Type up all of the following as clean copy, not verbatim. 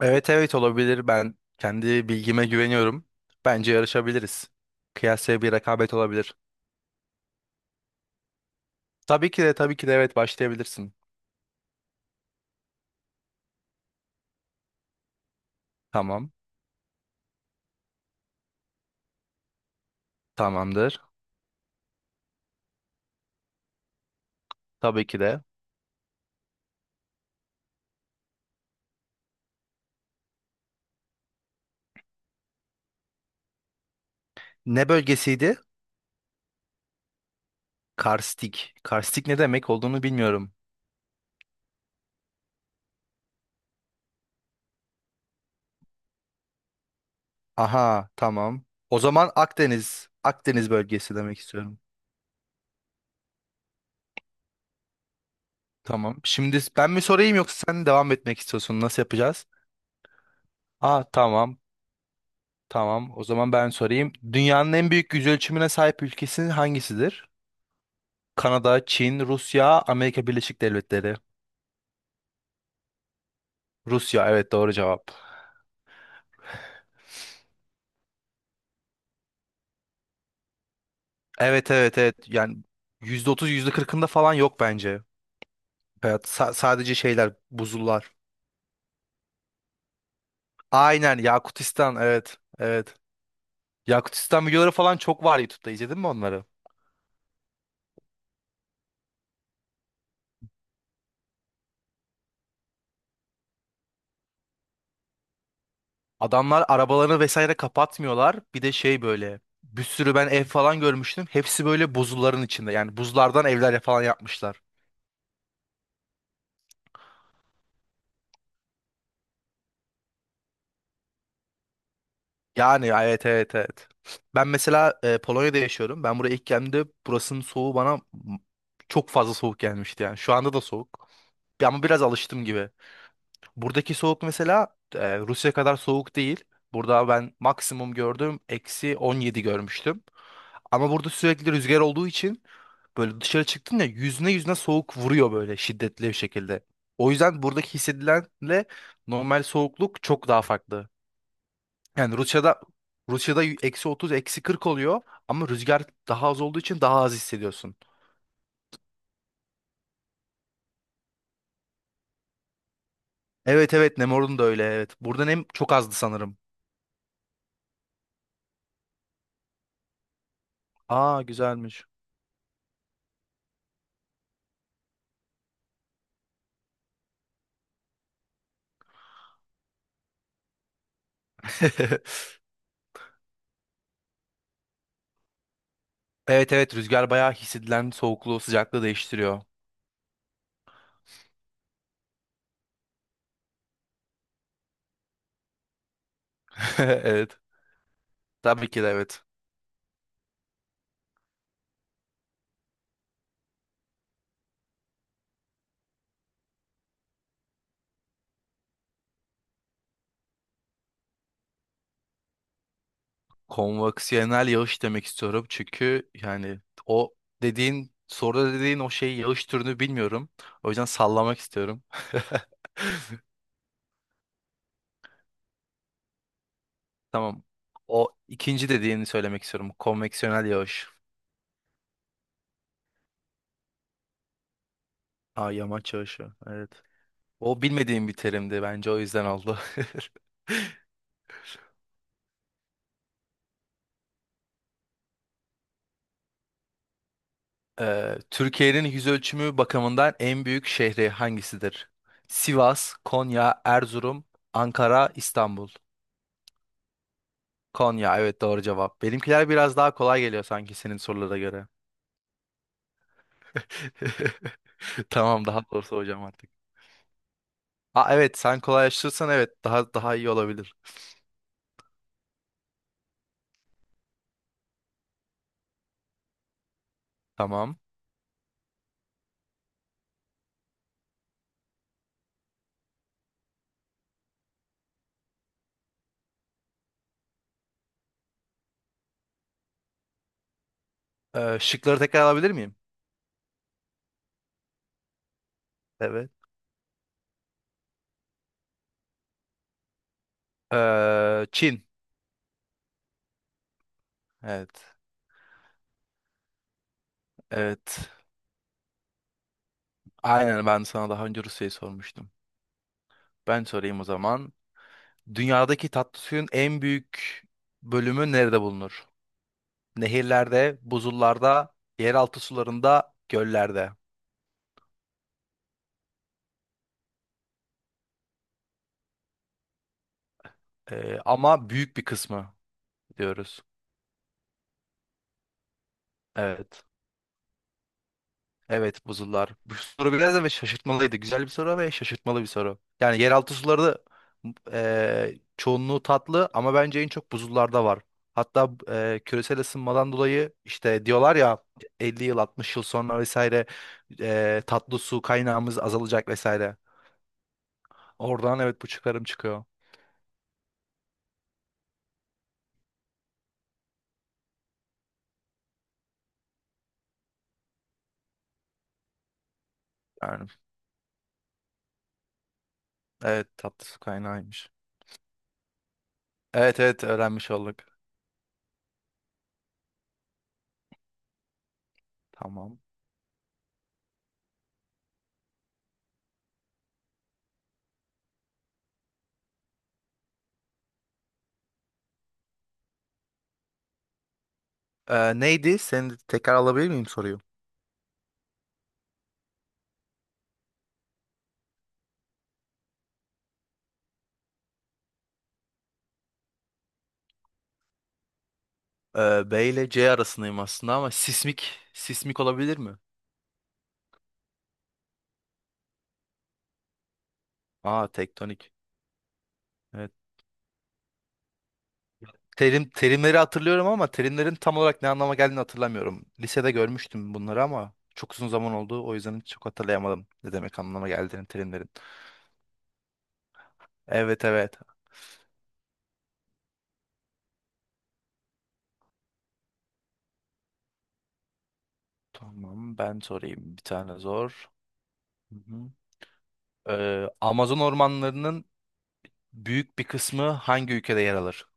Evet, olabilir. Ben kendi bilgime güveniyorum. Bence yarışabiliriz. Kıyasaya bir rekabet olabilir. Tabii ki de, evet başlayabilirsin. Tamam. Tamamdır. Tabii ki de. Ne bölgesiydi? Karstik. Karstik ne demek olduğunu bilmiyorum. Aha, tamam. O zaman Akdeniz. Akdeniz bölgesi demek istiyorum. Tamam. Şimdi ben mi sorayım yoksa sen devam etmek istiyorsun? Nasıl yapacağız? Aa, tamam. Tamam. O zaman ben sorayım. Dünyanın en büyük yüzölçümüne sahip ülkesi hangisidir? Kanada, Çin, Rusya, Amerika Birleşik Devletleri. Rusya, evet, doğru cevap. Evet, yani yüzde otuz, yüzde kırkında falan yok bence. Evet, sadece şeyler, buzullar. Aynen, Yakutistan, evet. Yakutistan videoları falan çok var YouTube'da, izledin mi onları? Adamlar arabalarını vesaire kapatmıyorlar. Bir de şey, böyle bir sürü ben ev falan görmüştüm. Hepsi böyle buzulların içinde, yani buzlardan evler falan yapmışlar. Yani evet. Ben mesela Polonya'da yaşıyorum. Ben buraya ilk geldiğimde burasının soğuğu bana m- çok fazla soğuk gelmişti yani. Şu anda da soğuk. Ama biraz alıştım gibi. Buradaki soğuk mesela Rusya kadar soğuk değil. Burada ben maksimum gördüm, eksi 17 görmüştüm. Ama burada sürekli rüzgar olduğu için böyle dışarı çıktın ya, yüzüne yüzüne soğuk vuruyor, böyle şiddetli bir şekilde. O yüzden buradaki hissedilenle normal soğukluk çok daha farklı. Yani Rusya'da eksi 30, eksi 40 oluyor ama rüzgar daha az olduğu için daha az hissediyorsun. Evet, Nemor'un da öyle, evet. Burada nem çok azdı sanırım. Aa, güzelmiş. Evet, rüzgar bayağı hissedilen soğukluğu sıcaklığı değiştiriyor. Evet. Tabii ki de, evet. Konvaksiyonel yağış demek istiyorum, çünkü yani o dediğin soruda dediğin o şey yağış türünü bilmiyorum. O yüzden sallamak istiyorum. Tamam. O ikinci dediğini söylemek istiyorum. Konveksiyonel yağış. Ha, yamaç yağışı. Evet. O bilmediğim bir terimdi bence, o yüzden oldu. Türkiye'nin yüz ölçümü bakımından en büyük şehri hangisidir? Sivas, Konya, Erzurum, Ankara, İstanbul. Konya, evet, doğru cevap. Benimkiler biraz daha kolay geliyor sanki senin sorulara göre. Tamam, daha doğrusu hocam artık. Aa evet, sen kolaylaştırırsan evet, daha iyi olabilir. Tamam. Şıkları tekrar alabilir miyim? Evet. Çin. Evet. Evet. Aynen, ben sana daha önce Rusya'yı sormuştum. Ben sorayım o zaman. Dünyadaki tatlı suyun en büyük bölümü nerede bulunur? Nehirlerde, buzullarda, yeraltı sularında, göllerde. Ama büyük bir kısmı diyoruz. Evet. Evet, buzullar. Bu soru biraz da ve şaşırtmalıydı. Güzel bir soru ve şaşırtmalı bir soru. Yani yeraltı suları da çoğunluğu tatlı ama bence en çok buzullarda var. Hatta küresel ısınmadan dolayı işte diyorlar ya, 50 yıl 60 yıl sonra vesaire, tatlı su kaynağımız azalacak vesaire. Oradan evet, bu çıkarım çıkıyor. Yani evet, tatlı su kaynağıymış. Evet, öğrenmiş olduk. Tamam. Neydi? Seni tekrar alabilir miyim soruyu? B ile C arasındayım aslında ama sismik, olabilir mi? Aa, tektonik. Evet. Terimleri hatırlıyorum ama terimlerin tam olarak ne anlama geldiğini hatırlamıyorum. Lisede görmüştüm bunları ama çok uzun zaman oldu, o yüzden çok hatırlayamadım ne demek anlama geldiğini terimlerin. Evet. Tamam, ben sorayım bir tane zor. Hı hı. Amazon ormanlarının büyük bir kısmı hangi ülkede yer alır?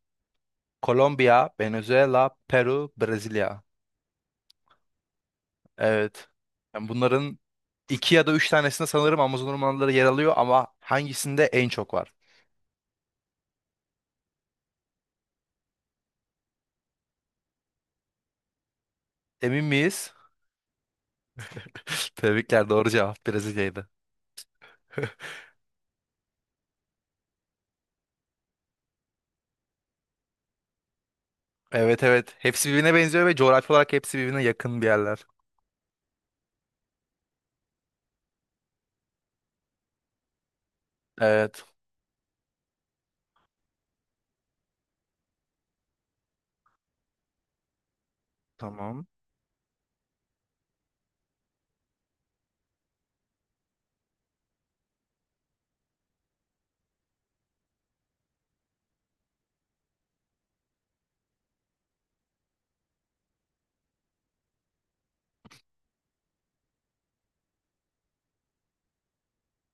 Kolombiya, Venezuela, Peru, Brezilya. Evet. Yani bunların iki ya da üç tanesinde sanırım Amazon ormanları yer alıyor ama hangisinde en çok var? Emin miyiz? Tebrikler, doğru cevap Brezilya'ydı. Evet. Hepsi birbirine benziyor ve coğrafi olarak hepsi birbirine yakın bir yerler. Evet. Tamam.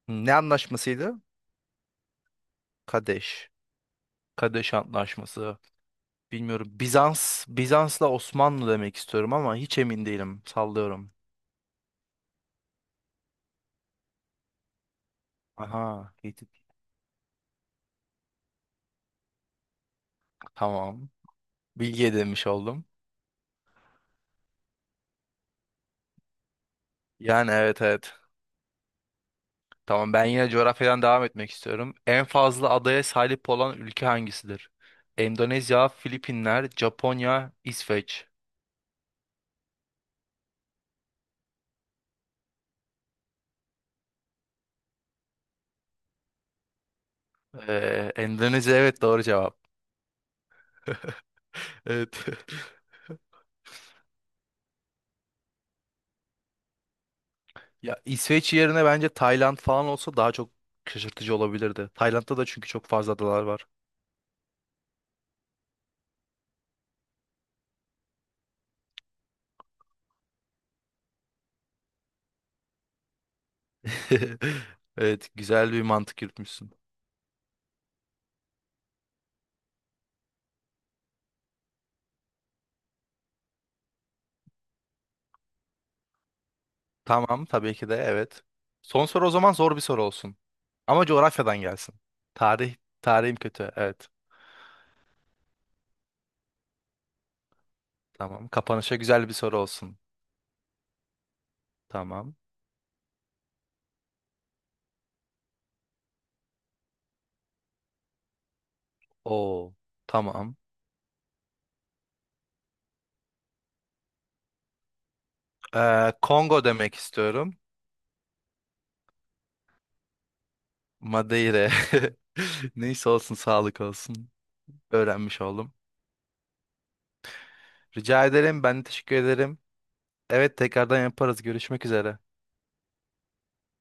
Ne anlaşmasıydı? Kadeş. Kadeş Antlaşması. Bilmiyorum. Bizans'la Osmanlı demek istiyorum ama hiç emin değilim. Sallıyorum. Aha. Hitit. Tamam. Bilgi edinmiş oldum. Yani evet. Tamam, ben yine coğrafyadan devam etmek istiyorum. En fazla adaya sahip olan ülke hangisidir? Endonezya, Filipinler, Japonya, İsveç. Endonezya, evet, doğru cevap. Evet. Ya İsveç yerine bence Tayland falan olsa daha çok şaşırtıcı olabilirdi. Tayland'da da çünkü çok fazla adalar var. Evet, güzel bir mantık yürütmüşsün. Tamam, tabii ki de, evet. Son soru o zaman zor bir soru olsun. Ama coğrafyadan gelsin. Tarih, tarihim kötü. Evet. Tamam. Kapanışa güzel bir soru olsun. Tamam. Oo. Tamam. Kongo demek istiyorum. Madeira. Neyse, olsun, sağlık olsun. Öğrenmiş oldum. Rica ederim. Ben de teşekkür ederim. Evet, tekrardan yaparız. Görüşmek üzere.